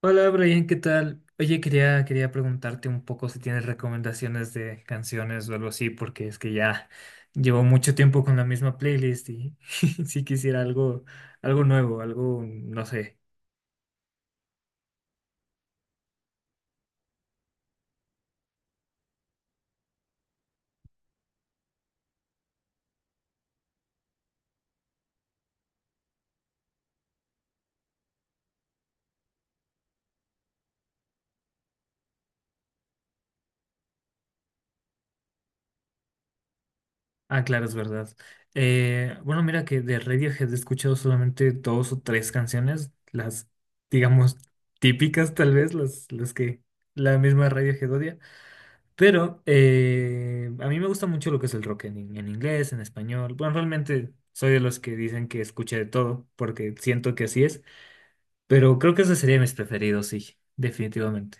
Hola Brian, ¿qué tal? Oye, quería preguntarte un poco si tienes recomendaciones de canciones o algo así, porque es que ya llevo mucho tiempo con la misma playlist y si quisiera algo, algo nuevo, algo, no sé. Ah, claro, es verdad. Bueno, mira que de Radiohead he escuchado solamente dos o tres canciones, las, digamos, típicas tal vez, las que la misma Radiohead odia. Pero a mí me gusta mucho lo que es el rock en inglés, en español. Bueno, realmente soy de los que dicen que escuché de todo, porque siento que así es, pero creo que esos serían mis preferidos, sí, definitivamente.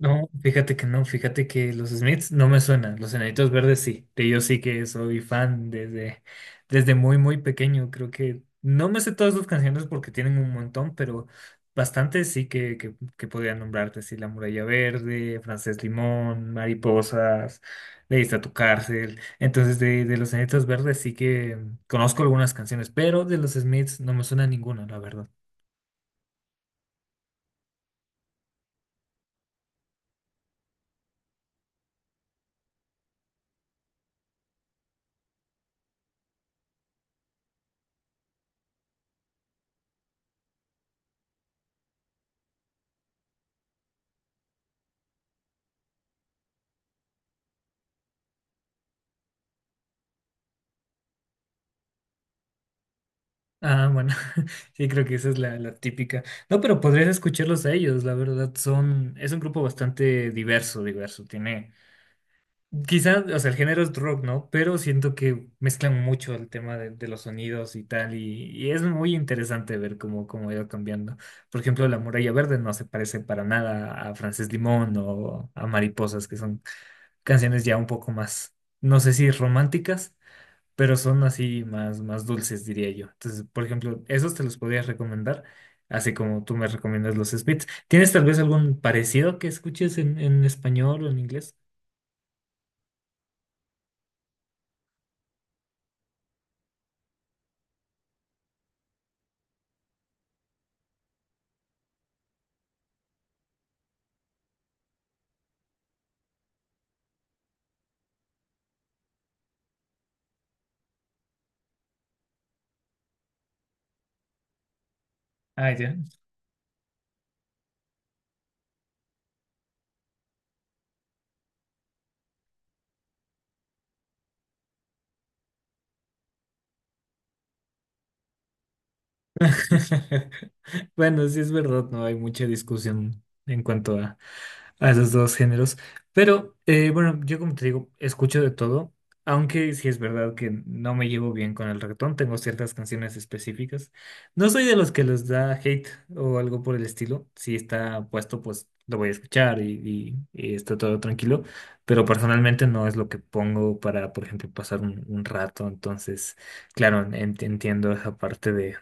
No, fíjate que no, fíjate que los Smiths no me suenan, los Enanitos Verdes sí, de ellos sí que soy fan desde, desde muy, muy pequeño, creo que no me sé todas sus canciones porque tienen un montón, pero bastantes sí que podría nombrarte, sí, La Muralla Verde, Francés Limón, Mariposas, Leíste a tu cárcel, entonces de los Enanitos Verdes sí que conozco algunas canciones, pero de los Smiths no me suena ninguna, la verdad. Ah, bueno, sí, creo que esa es la típica. No, pero podrías escucharlos a ellos, la verdad, son, es un grupo bastante diverso, tiene, quizás, o sea, el género es rock, ¿no? Pero siento que mezclan mucho el tema de los sonidos y tal, y es muy interesante ver cómo, cómo ha ido cambiando. Por ejemplo, La Muralla Verde no se parece para nada a Frances Limón o a Mariposas, que son canciones ya un poco más, no sé si románticas pero son así más, más dulces, diría yo. Entonces, por ejemplo, esos te los podría recomendar, así como tú me recomiendas los Smiths. ¿Tienes tal vez algún parecido que escuches en español o en inglés? Ah, ya. Bueno, sí es verdad, no hay mucha discusión a esos dos géneros, pero bueno, yo como te digo, escucho de todo, aunque sí es verdad que no me llevo bien con el reggaetón, tengo ciertas canciones específicas. No soy de los que les da hate o algo por el estilo, si está puesto pues lo voy a escuchar y, y está todo tranquilo, pero personalmente no es lo que pongo para, por ejemplo, pasar un rato, entonces... Claro, entiendo esa parte de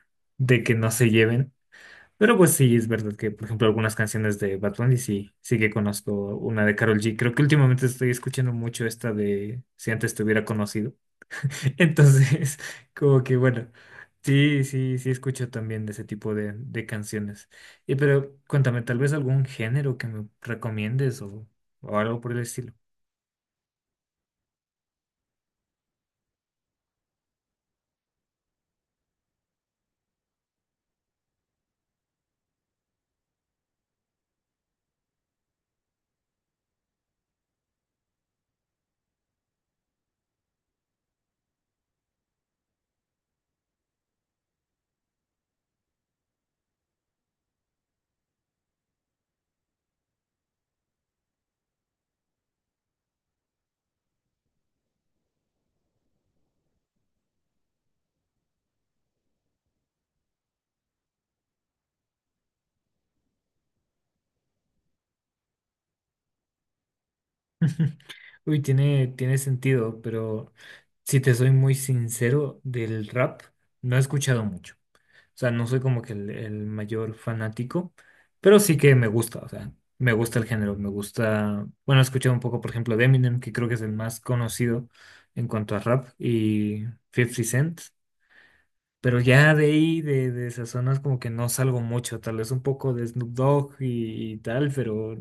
que no se lleven. Pero pues sí, es verdad que, por ejemplo, algunas canciones de Bad Bunny sí, sí que conozco una de Karol G. Creo que últimamente estoy escuchando mucho esta de Si antes te hubiera conocido. Entonces, como que bueno, sí, sí, sí escucho también de ese tipo de canciones. Y pero cuéntame, tal vez algún género que me recomiendes o algo por el estilo. Uy, tiene sentido, pero si te soy muy sincero, del rap no he escuchado mucho. O sea, no soy como que el mayor fanático, pero sí que me gusta, o sea, me gusta el género, me gusta, bueno, he escuchado un poco, por ejemplo, de Eminem, que creo que es el más conocido en cuanto a rap, y 50 Cent, pero ya de ahí, de esas zonas, como que no salgo mucho, tal vez un poco de Snoop Dogg y tal, pero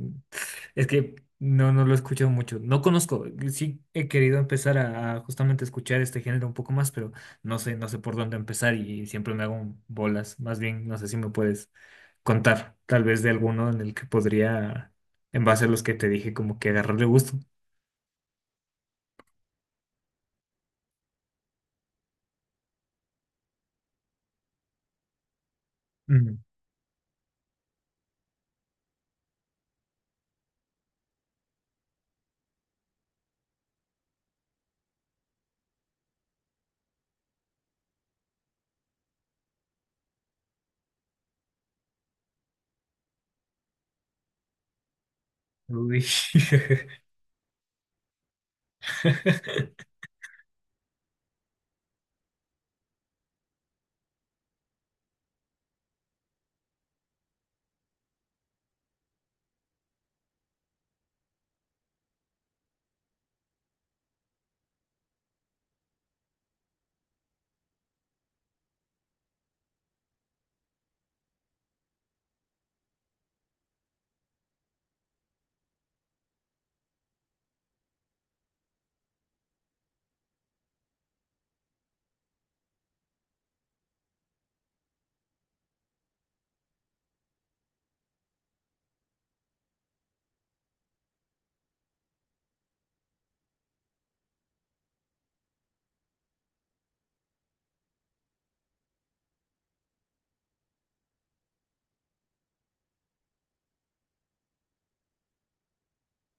es que no, no lo he escuchado mucho. No conozco. Sí he querido empezar a justamente escuchar este género un poco más, pero no sé, no sé por dónde empezar y siempre me hago un bolas. Más bien, no sé si me puedes contar tal vez de alguno en el que podría, en base a los que te dije, como que agarrarle gusto. Mm. Uy.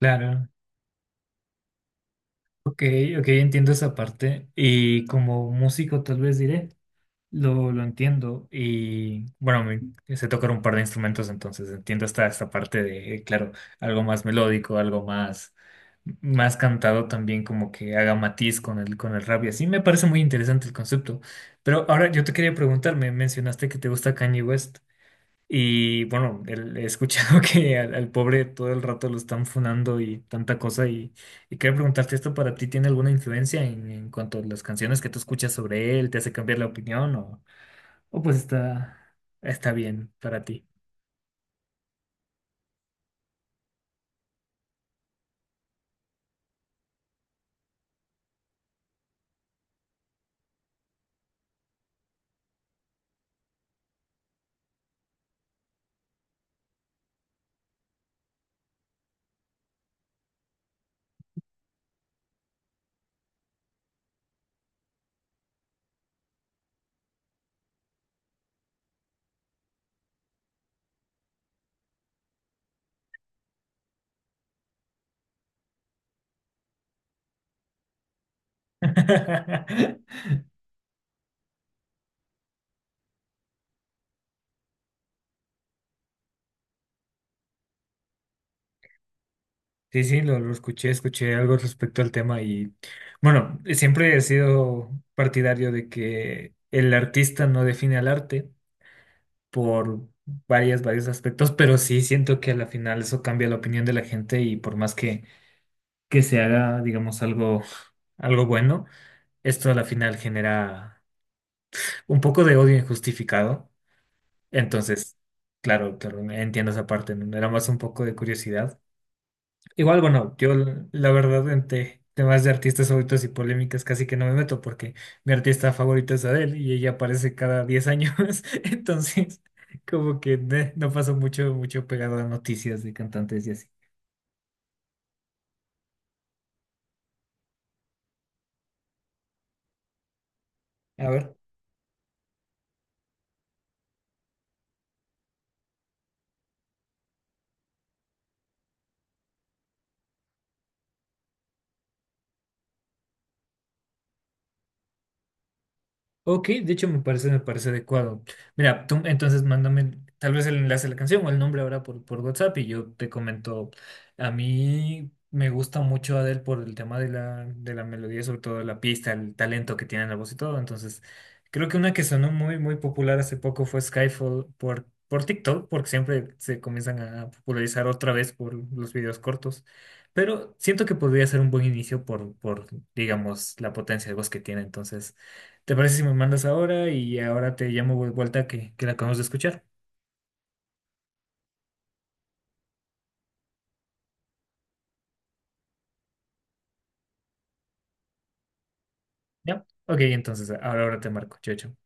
Claro. Ok, ok, entiendo esa parte. Y como músico tal vez diré. Lo entiendo y bueno, me, sé tocar un par de instrumentos, entonces entiendo esta, esta parte de, claro, algo más melódico, algo más, más cantado también, como que haga matiz con el rap y así. Me parece muy interesante el concepto. Pero ahora yo te quería preguntar, me mencionaste que te gusta Kanye West y bueno, he escuchado que al, al pobre todo el rato lo están funando y tanta cosa y quería preguntarte esto para ti, ¿tiene alguna influencia en cuanto a las canciones que tú escuchas sobre él? ¿Te hace cambiar la opinión o...? Oh, pues está, está bien para ti. Sí, sí, lo escuché, escuché algo respecto al tema y bueno, siempre he sido partidario de que el artista no define al arte por varios aspectos, pero sí siento que a la final eso cambia la opinión de la gente y por más que se haga, digamos, algo, algo bueno, esto a la final genera un poco de odio injustificado. Entonces, claro, claro, entiendo esa parte, ¿no? Era más un poco de curiosidad. Igual, bueno, yo la verdad en temas de artistas favoritos y polémicas casi que no me meto porque mi artista favorito es Adele y ella aparece cada 10 años, entonces como que no pasó mucho, mucho pegado a noticias de cantantes y así. A ver. Ok, de hecho me parece adecuado. Mira, tú entonces mándame tal vez el enlace de la canción o el nombre ahora por WhatsApp y yo te comento. A mí me gusta mucho Adele por el tema de de la melodía, sobre todo la pista, el talento que tiene en la voz y todo. Entonces, creo que una que sonó muy, muy popular hace poco fue Skyfall por TikTok, porque siempre se comienzan a popularizar otra vez por los videos cortos. Pero siento que podría ser un buen inicio por digamos, la potencia de voz que tiene. Entonces. ¿Te parece si me mandas ahora y ahora te llamo de vuelta que la acabamos de escuchar? ¿Ya? Ok, entonces ahora ahora te marco. Chao, chao.